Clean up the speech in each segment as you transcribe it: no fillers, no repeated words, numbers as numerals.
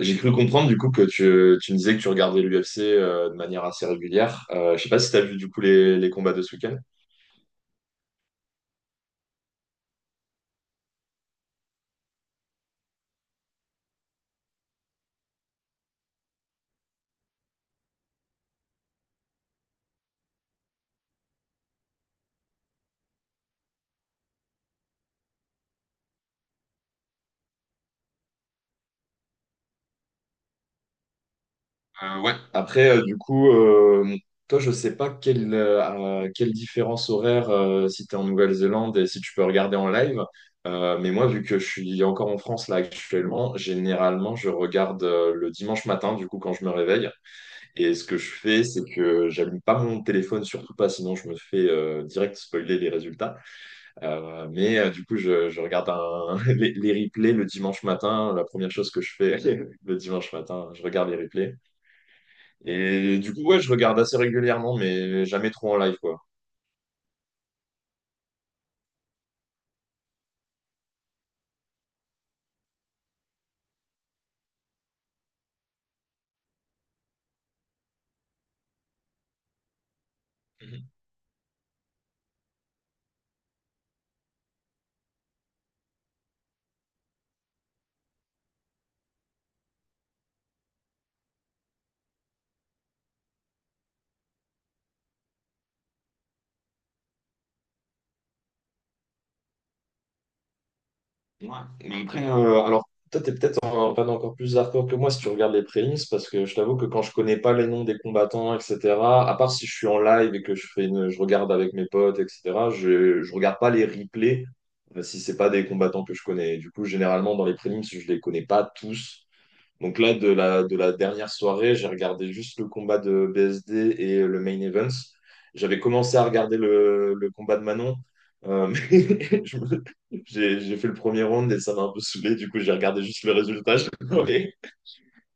J'ai cru comprendre que tu me disais que tu regardais l'UFC de manière assez régulière. Je sais pas si tu as vu les combats de ce week-end. Ouais. Après, toi, je sais pas quelle différence horaire si tu es en Nouvelle-Zélande et si tu peux regarder en live. Mais moi, vu que je suis encore en France là actuellement, généralement, je regarde le dimanche matin, du coup, quand je me réveille. Et ce que je fais, c'est que j'allume pas mon téléphone, surtout pas, sinon je me fais direct spoiler les résultats. Je regarde les replays le dimanche matin. La première chose que je fais le dimanche matin, je regarde les replays. Et du coup, ouais, je regarde assez régulièrement, mais jamais trop en live, quoi. Mhm. Ouais. Mais après, alors, toi, t'es peut-être en fan encore plus hardcore que moi si tu regardes les prémices, parce que je t'avoue que quand je connais pas les noms des combattants, etc., à part si je suis en live et que je fais une, je regarde avec mes potes, etc., je regarde pas les replays si c'est pas des combattants que je connais. Du coup, généralement, dans les prémices, je les connais pas tous. Donc là, de la dernière soirée, j'ai regardé juste le combat de BSD et le main event. J'avais commencé à regarder le combat de Manon, euh, mais je me- j'ai fait le premier round et ça m'a un peu saoulé. Du coup, j'ai regardé juste le résultat. J'ai pleuré.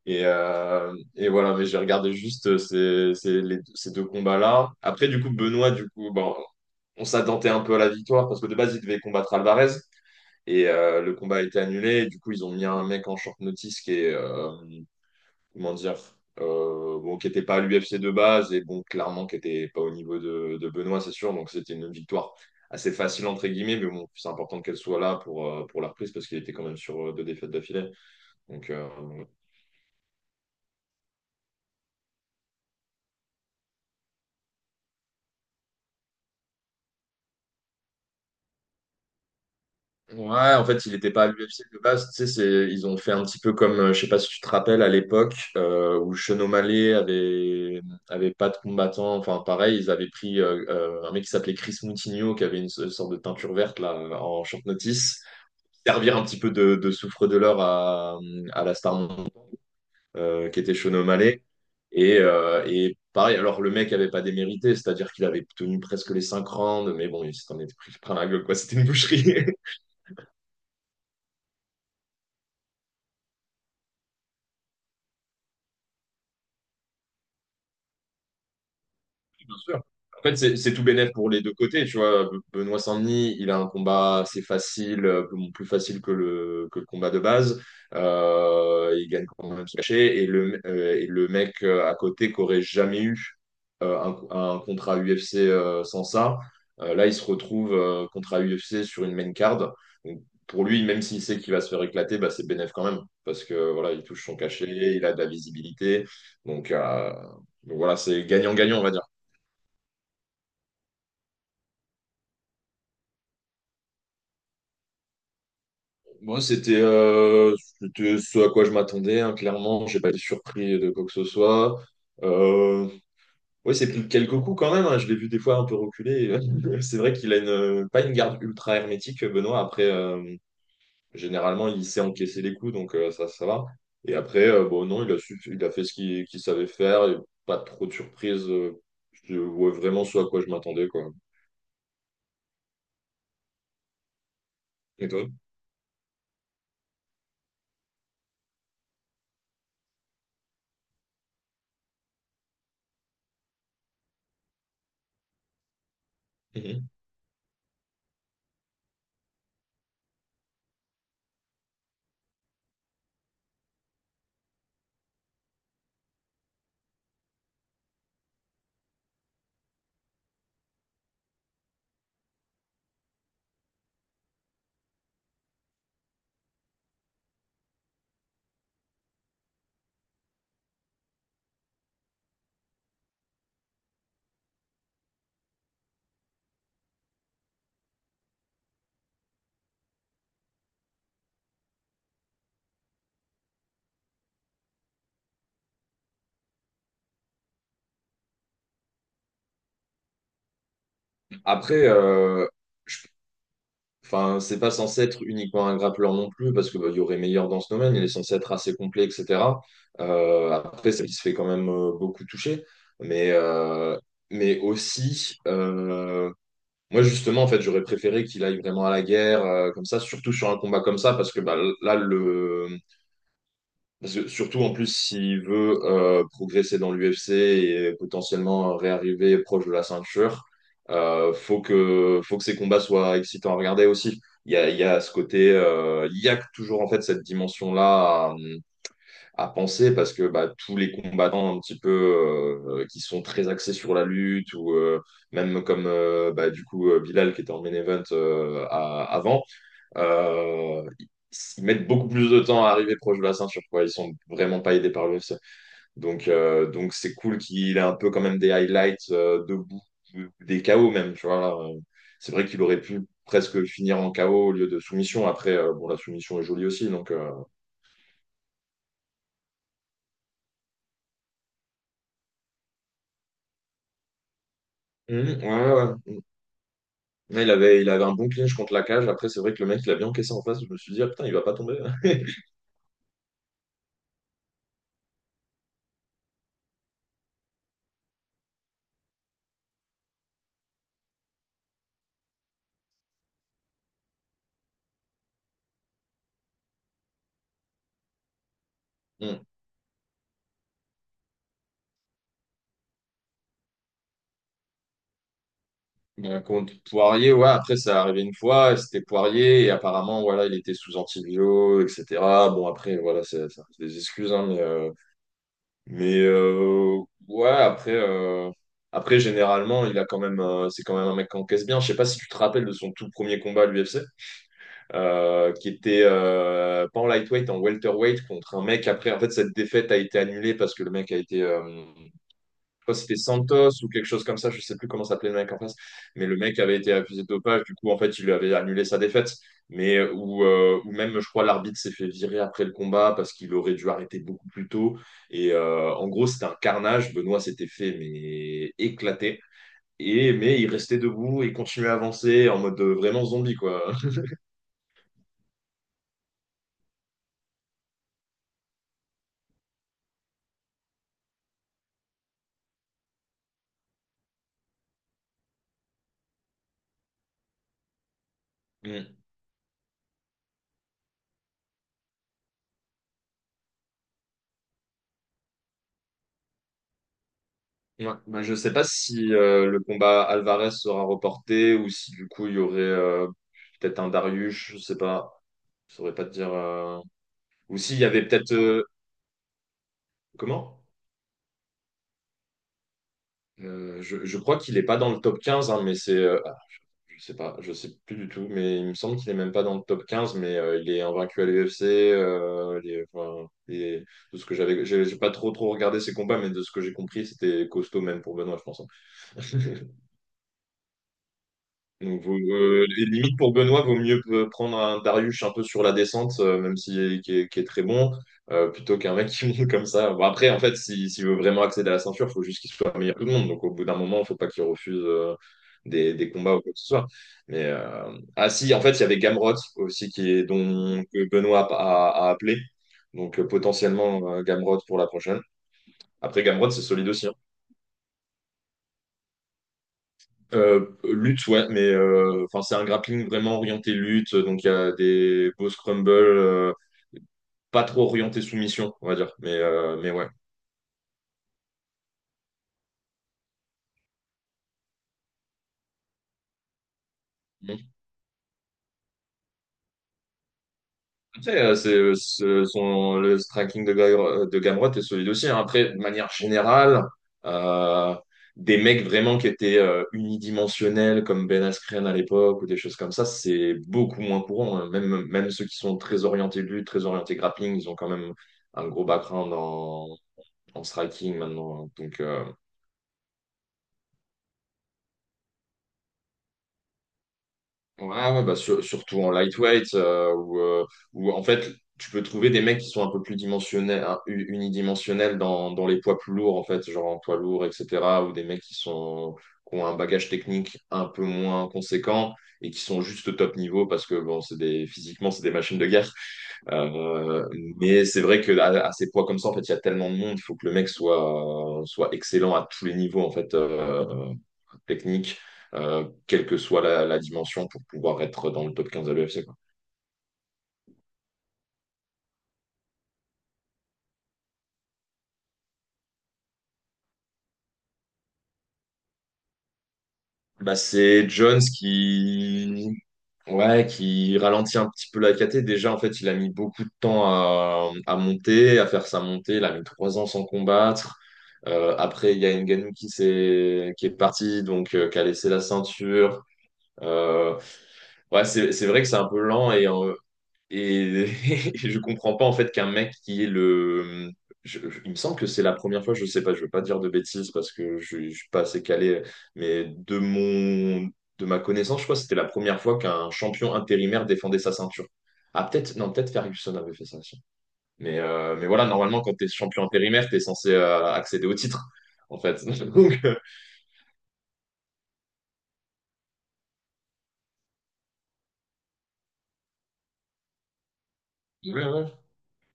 Et voilà, mais j'ai regardé juste ces deux combats-là. Après, du coup, Benoît, bon, on s'attendait un peu à la victoire parce que de base, il devait combattre Alvarez et le combat a été annulé. Et du coup, ils ont mis un mec en short notice qui est, comment dire, bon, qui n'était pas à l'UFC de base et bon, clairement qui n'était pas au niveau de Benoît, c'est sûr. Donc c'était une victoire assez facile entre guillemets, mais bon, c'est important qu'elle soit là pour la reprise parce qu'il était quand même sur 2 défaites d'affilée. Donc ouais, en fait, il n'était pas à l'UFC de base. Tu sais, ils ont fait un petit peu comme, je sais pas si tu te rappelles à l'époque où Sean Malé avait avait pas de combattant. Enfin, pareil, ils avaient pris un mec qui s'appelait Chris Moutinho qui avait une, sorte de teinture verte là en short notice. Servir un petit peu de souffre de l'or à la star montante, qui était Sean O'Malley. Et pareil, alors le mec avait pas démérité, c'est-à-dire qu'il avait tenu presque les 5 rounds, mais bon, il s'en était pris plein la gueule, quoi. C'était une boucherie. Bien sûr. En fait, c'est tout bénéf pour les deux côtés, tu vois. Benoît Saint-Denis, il a un combat assez facile, bon, plus facile que que le combat de base. Il gagne quand même son cachet. Et et le mec à côté qu'aurait jamais eu un contrat UFC sans ça, là, il se retrouve contrat UFC sur une main card. Donc, pour lui, même s'il sait qu'il va se faire éclater, bah, c'est bénéf quand même. Parce que voilà, il touche son cachet, il a de la visibilité. Donc, euh, donc voilà, c'est gagnant-gagnant, on va dire. Moi, c'était ce à quoi je m'attendais, hein, clairement. J'ai pas été surpris de quoi que ce soit. Euh, ouais, c'est pris quelques coups quand même, hein. Je l'ai vu des fois un peu reculer. C'est vrai qu'il a une, pas une garde ultra hermétique, Benoît. Après, généralement, il sait encaisser les coups, donc ça, ça va. Et après, bon, non, il a, il a fait ce qu'il savait faire. Et pas trop de surprises. Je vois vraiment ce à quoi je m'attendais, quoi. Et toi? Mhm. Après, enfin, c'est pas censé être uniquement un grappleur non plus, parce qu'il y aurait meilleur dans ce domaine, il est censé être assez complet, etc. Après, ça, il se fait quand même beaucoup toucher. Mais, euh, mais aussi, moi justement, en fait, j'aurais préféré qu'il aille vraiment à la guerre, comme ça, surtout sur un combat comme ça, parce que là, le, parce que surtout en plus, s'il veut progresser dans l'UFC et potentiellement réarriver proche de la ceinture, faut que ses combats soient excitants à regarder aussi. Il y a ce côté, il y a toujours en fait cette dimension-là à penser parce que bah, tous les combattants un petit peu qui sont très axés sur la lutte ou même comme bah, du coup Bilal qui était en main event avant. Euh, Ils mettent beaucoup plus de temps à arriver proche de la ceinture, quoi. Ils sont vraiment pas aidés par l'UFC. Donc c'est cool qu'il ait un peu quand même des highlights debout, des KO même, tu vois. Là. C'est vrai qu'il aurait pu presque finir en KO au lieu de soumission. Après, bon, la soumission est jolie aussi, donc. Mhm, ouais. Mais il avait un bon clinch contre la cage. Après, c'est vrai que le mec, il a bien encaissé en face. Je me suis dit, ah putain, il va pas tomber. Mm. Contre Poirier, ouais, après ça arrivé une fois, et c'était Poirier, et apparemment, voilà, il était sous antibio, etc. Bon, après, voilà, c'est ça des excuses, hein, mais euh, ouais, après, après, généralement, il a quand même, c'est quand même un mec qui encaisse bien. Je sais pas si tu te rappelles de son tout premier combat à l'UFC, qui était pas en lightweight, en welterweight, contre un mec. Après, en fait, cette défaite a été annulée parce que le mec a été. Crois que c'était Santos ou quelque chose comme ça, je sais plus comment s'appelait le mec en face, mais le mec avait été accusé de dopage, du coup en fait il lui avait annulé sa défaite, ou même je crois l'arbitre s'est fait virer après le combat parce qu'il aurait dû arrêter beaucoup plus tôt, en gros c'était un carnage, Benoît s'était fait mais éclater, et mais il restait debout et continuait à avancer en mode vraiment zombie quoi. Mm. Ouais. Bah, je sais pas si le combat Alvarez sera reporté ou si du coup il y aurait peut-être un Darius, je sais pas. Je saurais pas te dire. Ou s'il y avait peut-être. Comment? Je crois qu'il est pas dans le top 15, hein, mais c'est. Je sais pas, je sais plus du tout, mais il me semble qu'il est même pas dans le top 15. Mais il est invaincu à l'UFC. Enfin, de ce que j'avais. J'ai pas trop regardé ses combats, mais de ce que j'ai compris, c'était costaud même pour Benoît, je pense, hein. Donc, et limite pour Benoît, vaut mieux prendre un Darius un peu sur la descente, même si qui est, qui est très bon, plutôt qu'un mec qui monte comme ça. Bon, après, en fait, s'il veut vraiment accéder à la ceinture, il faut juste qu'il soit meilleur que tout le monde. Donc au bout d'un moment, il faut pas qu'il refuse des combats ou quoi que ce soit. Mais ah si, en fait, il y avait Gamrot aussi qui est dont que Benoît a appelé. Donc potentiellement Gamrot pour la prochaine. Après Gamrot, c'est solide aussi, hein. Lutte, ouais, mais enfin, c'est un grappling vraiment orienté lutte, donc il y a des beaux scrumbles, pas trop orienté soumission, on va dire, mais ouais. Bon. Après, le striking de, de Gamrot est solide aussi, hein. Après, de manière générale, euh, des mecs vraiment qui étaient unidimensionnels, comme Ben Askren à l'époque, ou des choses comme ça, c'est beaucoup moins courant, hein. Même, même ceux qui sont très orientés lutte, très orientés grappling, ils ont quand même un gros background en striking maintenant, hein. Donc, ouais, surtout en lightweight, où, où, en fait, tu peux trouver des mecs qui sont un peu plus dimensionnels, hein, unidimensionnels dans les poids plus lourds, en fait, genre en poids lourd, etc., ou des mecs qui sont, qui ont un bagage technique un peu moins conséquent et qui sont juste au top niveau parce que, bon, c'est des, physiquement, c'est des machines de guerre. Euh, mais c'est vrai que à ces poids comme ça, en fait, il y a tellement de monde, il faut que le mec soit, soit excellent à tous les niveaux, en fait. Technique, quelle que soit dimension, pour pouvoir être dans le top 15 à l'UFC. Bah, c'est Jones qui... Ouais, qui ralentit un petit peu la KT. Déjà, en fait, il a mis beaucoup de temps à monter, à faire sa montée. Il a mis 3 ans sans combattre. Après, il y a Ngannou qui est parti, donc qui a laissé la ceinture. Euh, ouais, c'est vrai que c'est un peu lent Et et je comprends pas en fait qu'un mec qui est le. Il me semble que c'est la première fois, je sais pas, je veux pas dire de bêtises parce que je suis pas assez calé, mais de mon, de ma connaissance, je crois que c'était la première fois qu'un champion intérimaire défendait sa ceinture. Ah, peut-être, non, peut-être Ferguson avait fait ça aussi. Mais voilà, normalement, quand t'es champion intérimaire, t'es censé accéder au titre, en fait. Donc, ouais, ouais.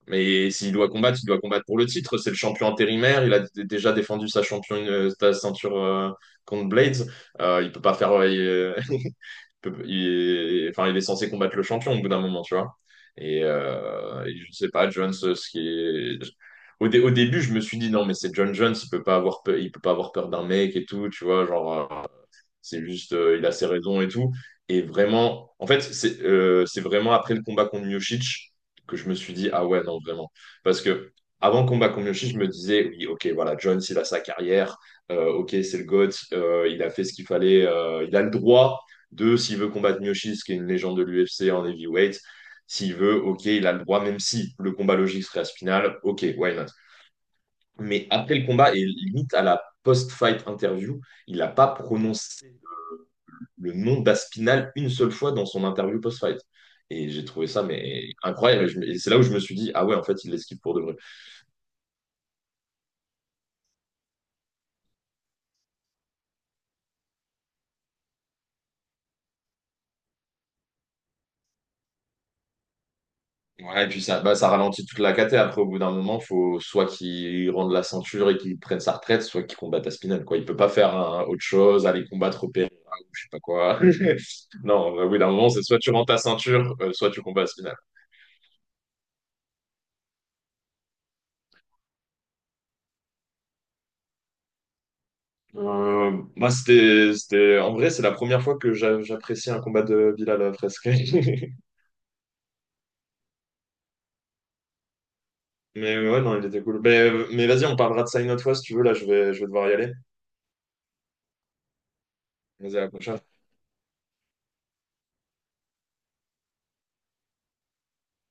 Mais s'il doit combattre, il doit combattre pour le titre. C'est le champion intérimaire. Il a déjà défendu sa championne, sa ceinture contre Blades. Il peut pas faire. Il enfin, il est censé combattre le champion au bout d'un moment, tu vois. Et je sais pas, Jones, ce qui est. Au début, je me suis dit non, mais c'est John Jones. Il peut pas avoir peur, il peut pas avoir peur d'un mec et tout, tu vois, genre. C'est juste, il a ses raisons et tout. Et vraiment, en fait, c'est vraiment après le combat contre Miocic que je me suis dit, ah ouais, non, vraiment. Parce que avant le combat contre Miocic, je me disais, oui, ok, voilà, Jones, il a sa carrière, ok, c'est le GOAT, il a fait ce qu'il fallait, il a le droit de, s'il veut combattre Miocic, qui est une légende de l'UFC en heavyweight, s'il veut, ok, il a le droit, même si le combat logique serait à ce final, ok, why not? Mais après le combat, et limite à la post-fight interview, il n'a pas prononcé le nom d'Aspinal une seule fois dans son interview post-fight. Et j'ai trouvé ça mais incroyable. Et, et c'est là où je me suis dit, ah ouais, en fait, il l'esquive pour de vrai. Ouais, et puis ça, bah, ça ralentit toute la caté. Après, au bout d'un moment, faut soit qu'il rende la ceinture et qu'il prenne sa retraite, soit qu'il combatte Aspinal, quoi. Il peut pas faire hein, autre chose, aller combattre Pereira ou je sais pas quoi. Non, bah, oui, d'un moment, c'est soit tu rends ta ceinture, soit tu combats Aspinal. Bah, c'était, c'était... En vrai, c'est la première fois que j'apprécie un combat de Bilal Fresque. Mais ouais, non, il était cool. Mais vas-y, on parlera de ça une autre fois si tu veux. Là, je vais devoir y aller. Vas-y, à la prochaine.